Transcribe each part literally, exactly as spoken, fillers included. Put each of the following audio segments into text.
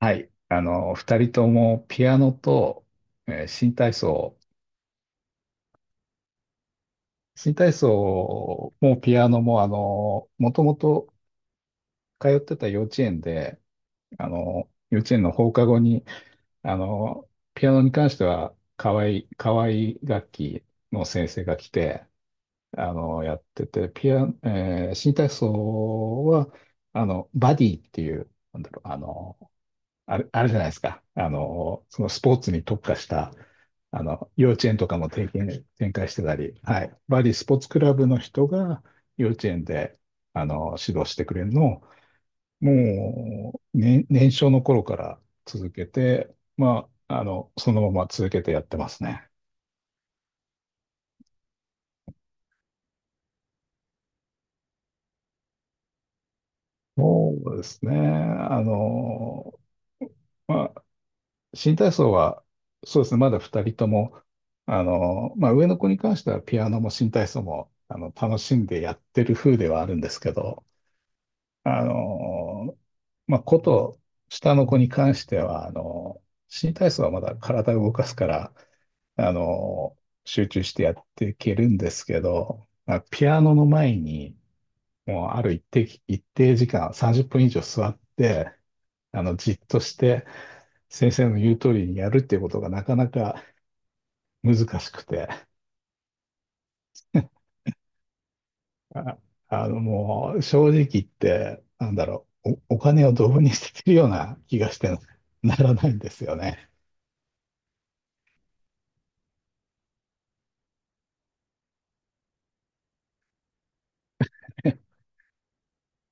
はい。あの、二人ともピアノと、えー新体操。新体操もピアノも、あの、もともと通ってた幼稚園で、あの、幼稚園の放課後に、あの、ピアノに関しては、可愛い合、河い楽器の先生が来て、あの、やってて、ピア、えー新体操は、あの、バディっていう、なんだろう、あの、ある、あるじゃないですか。あの、そのスポーツに特化した、あの、幼稚園とかも展開、展開してたり、はい。バリースポーツクラブの人が幼稚園で、あの、指導してくれるのを、もう、ね、年少の頃から続けて、まあ、あの、そのまま続けてやってますね。そうですね。あの、まあ、新体操は、そうですね、まだ二人とも、あの、まあ、上の子に関してはピアノも新体操も、あの、楽しんでやってる風ではあるんですけど、あの、まあ、子と下の子に関しては、あの、新体操はまだ体を動かすから、あの、集中してやっていけるんですけど、まあ、ピアノの前に、もうある一定、一定時間、さんじゅっぷん以上座って、あの、じっとして先生の言う通りにやるっていうことがなかなか難しくて、あ、あの、もう正直言って、なんだろう、お、お金をドブに捨ててるような気がして ならないんですよね。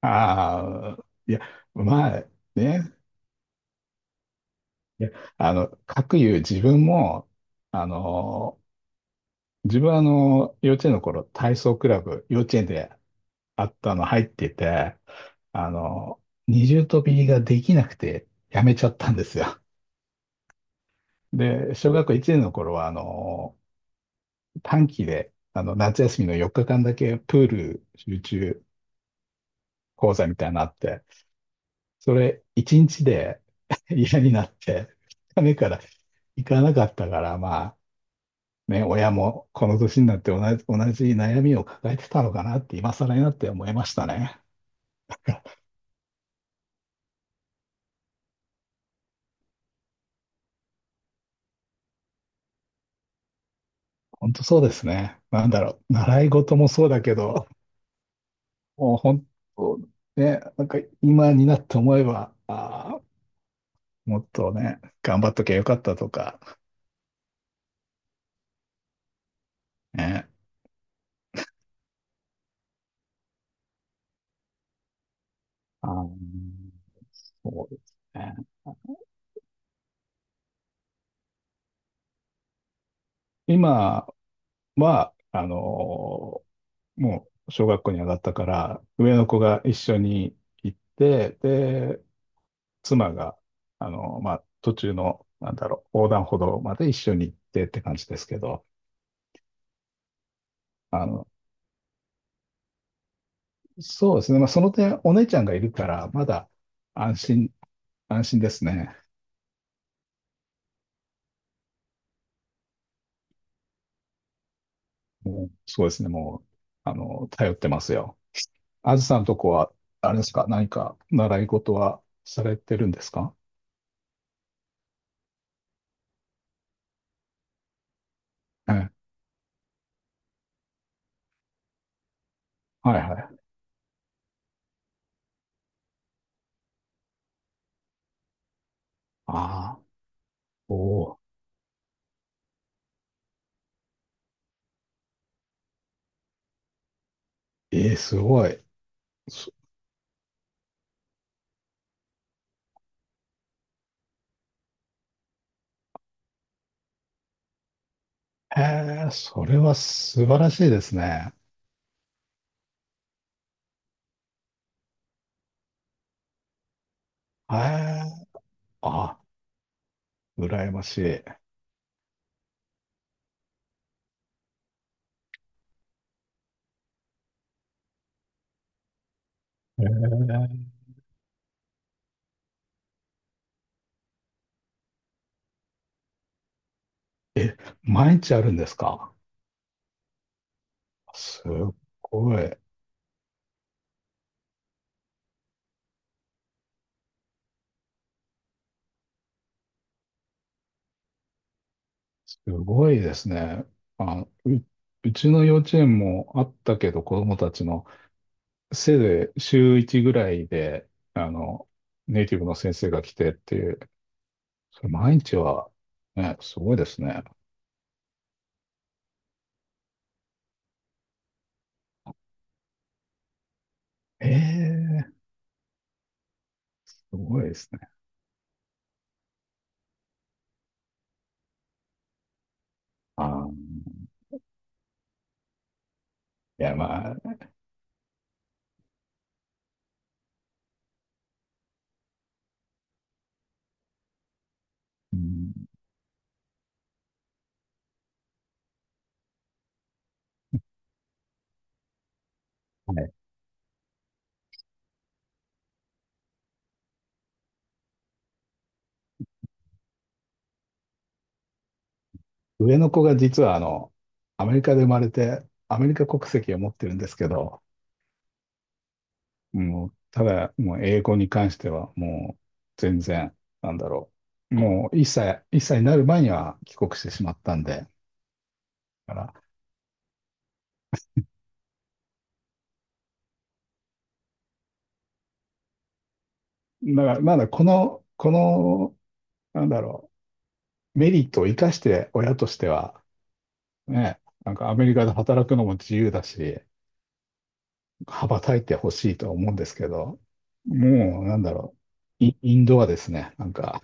ああ、いや、まあね、いや、あの、かくいう自分も、あの、自分はあの、幼稚園の頃、体操クラブ、幼稚園であったの入ってて、あの、二重跳びができなくてやめちゃったんですよ。で、小学校いちねんの頃は、あの、短期で、あの、夏休みのよっかかんだけプール集中講座みたいなのあって、それいちにちで 嫌になって、ふつかめから行かなかったから、まあ、ね、親もこの年になって同じ、同じ悩みを抱えてたのかなって今更になって思いましたね。本当そうですね。なんだろう。習い事もそうだけど、もう本当ね、なんか今になって思えば、あーもっとね、頑張っときゃよかったとか、ね。あーそうですね。今は、あのーもう小学校に上がったから、上の子が一緒に行って、で、妻が、あのーまあ、途中の、なんだろう、横断歩道まで一緒に行ってって感じですけど、あの、そうですね。まあ、その点、お姉ちゃんがいるから、まだ安心、安心ですね。もう、そうですね。もう、あの、頼ってますよ。あずさんとこは、あれですか、何か習い事はされてるんですか？ええ、はいはい。ああ、おお、ええ、すごい。そへえ、それは素晴らしいですね。へえ、あ、羨ましい。へえ、え、毎日あるんですか？すっごい。すごいですね。あ、う、うちの幼稚園もあったけど、子供たちのせいぜい週いちぐらいで、あの、ネイティブの先生が来てっていう、それ毎日は、ね、すごいですね。ええ、すごいですね。あー、いや、まあ、うん、はい。上の子が実は、あの、アメリカで生まれて、アメリカ国籍を持ってるんですけど、もう、ただ、もう英語に関しては、もう全然、なんだろう。もういっさい、いっさいになる前には帰国してしまったんで、だから、だからまだこの、この、なんだろう、メリットを生かして親としては、ね、なんかアメリカで働くのも自由だし、羽ばたいてほしいとは思うんですけど、もう、なんだろう、イインドはですね、なんか、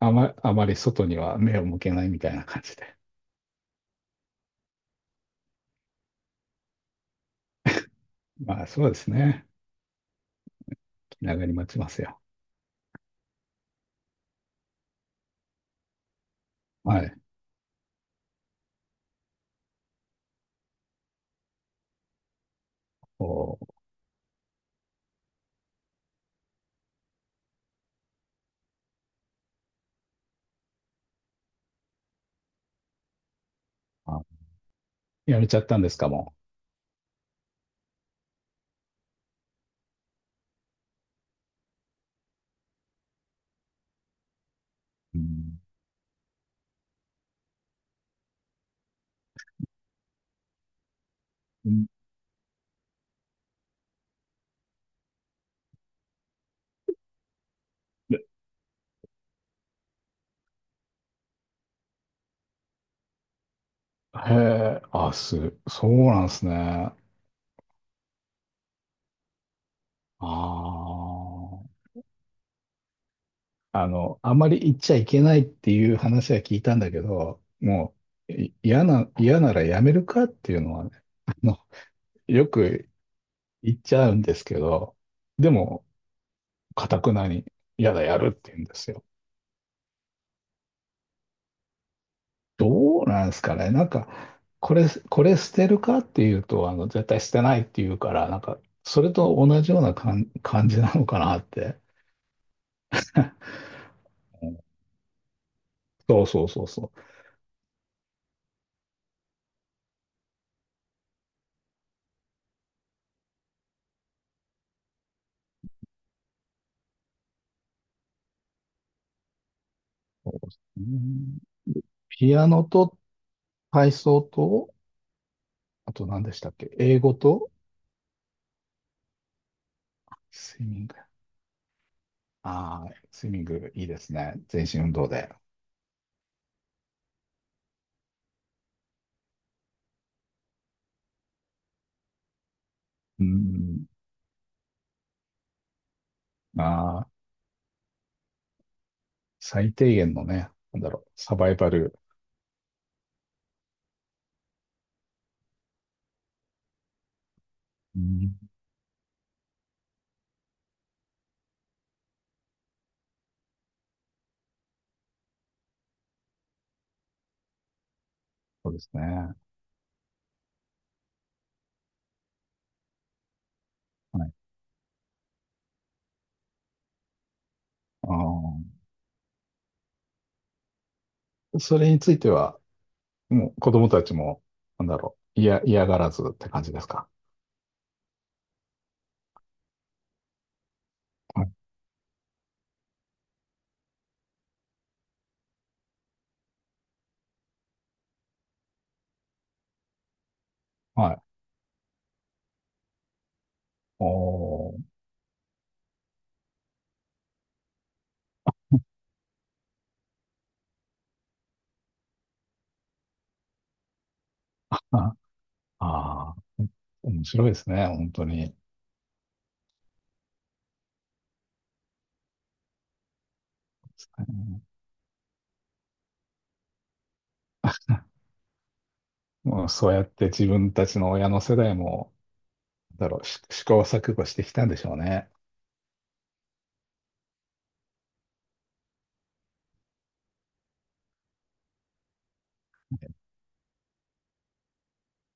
あま、あまり外には目を向けないみたいな感じで。まあ、そうですね。気長に待ちますよ。はい。おー、あ、やめちゃったんですか、もう？うん、へえ、あ、す、そうなんですね。ああ。あの、あまり言っちゃいけないっていう話は聞いたんだけど、もう、い嫌な、嫌ならやめるかっていうのはね、あの、よく言っちゃうんですけど、でも、かたくなに、嫌だ、やるって言うんですよ。どうなんですかね。なんか、これ、これ捨てるかっていうと、あの、絶対捨てないっていうから、なんか、それと同じような感感じなのかなって。うん、そうそうそうそう。そうですね。ピアノと体操と、あと何でしたっけ？英語とスイミング。ああ、スイミングいいですね。全身運動で。うん。ああ、最低限のね、なんだろう、サバイバル。うん、そうですね。はい。ああ、それについては、もう子供たちも、なんだろう、嫌、嫌がらずって感じですか？はい。はい。おー。あ、あー、面白いですね、本当に。もうんそうやって自分たちの親の世代も、なんだろう、し試行錯誤してきたんでしょうね。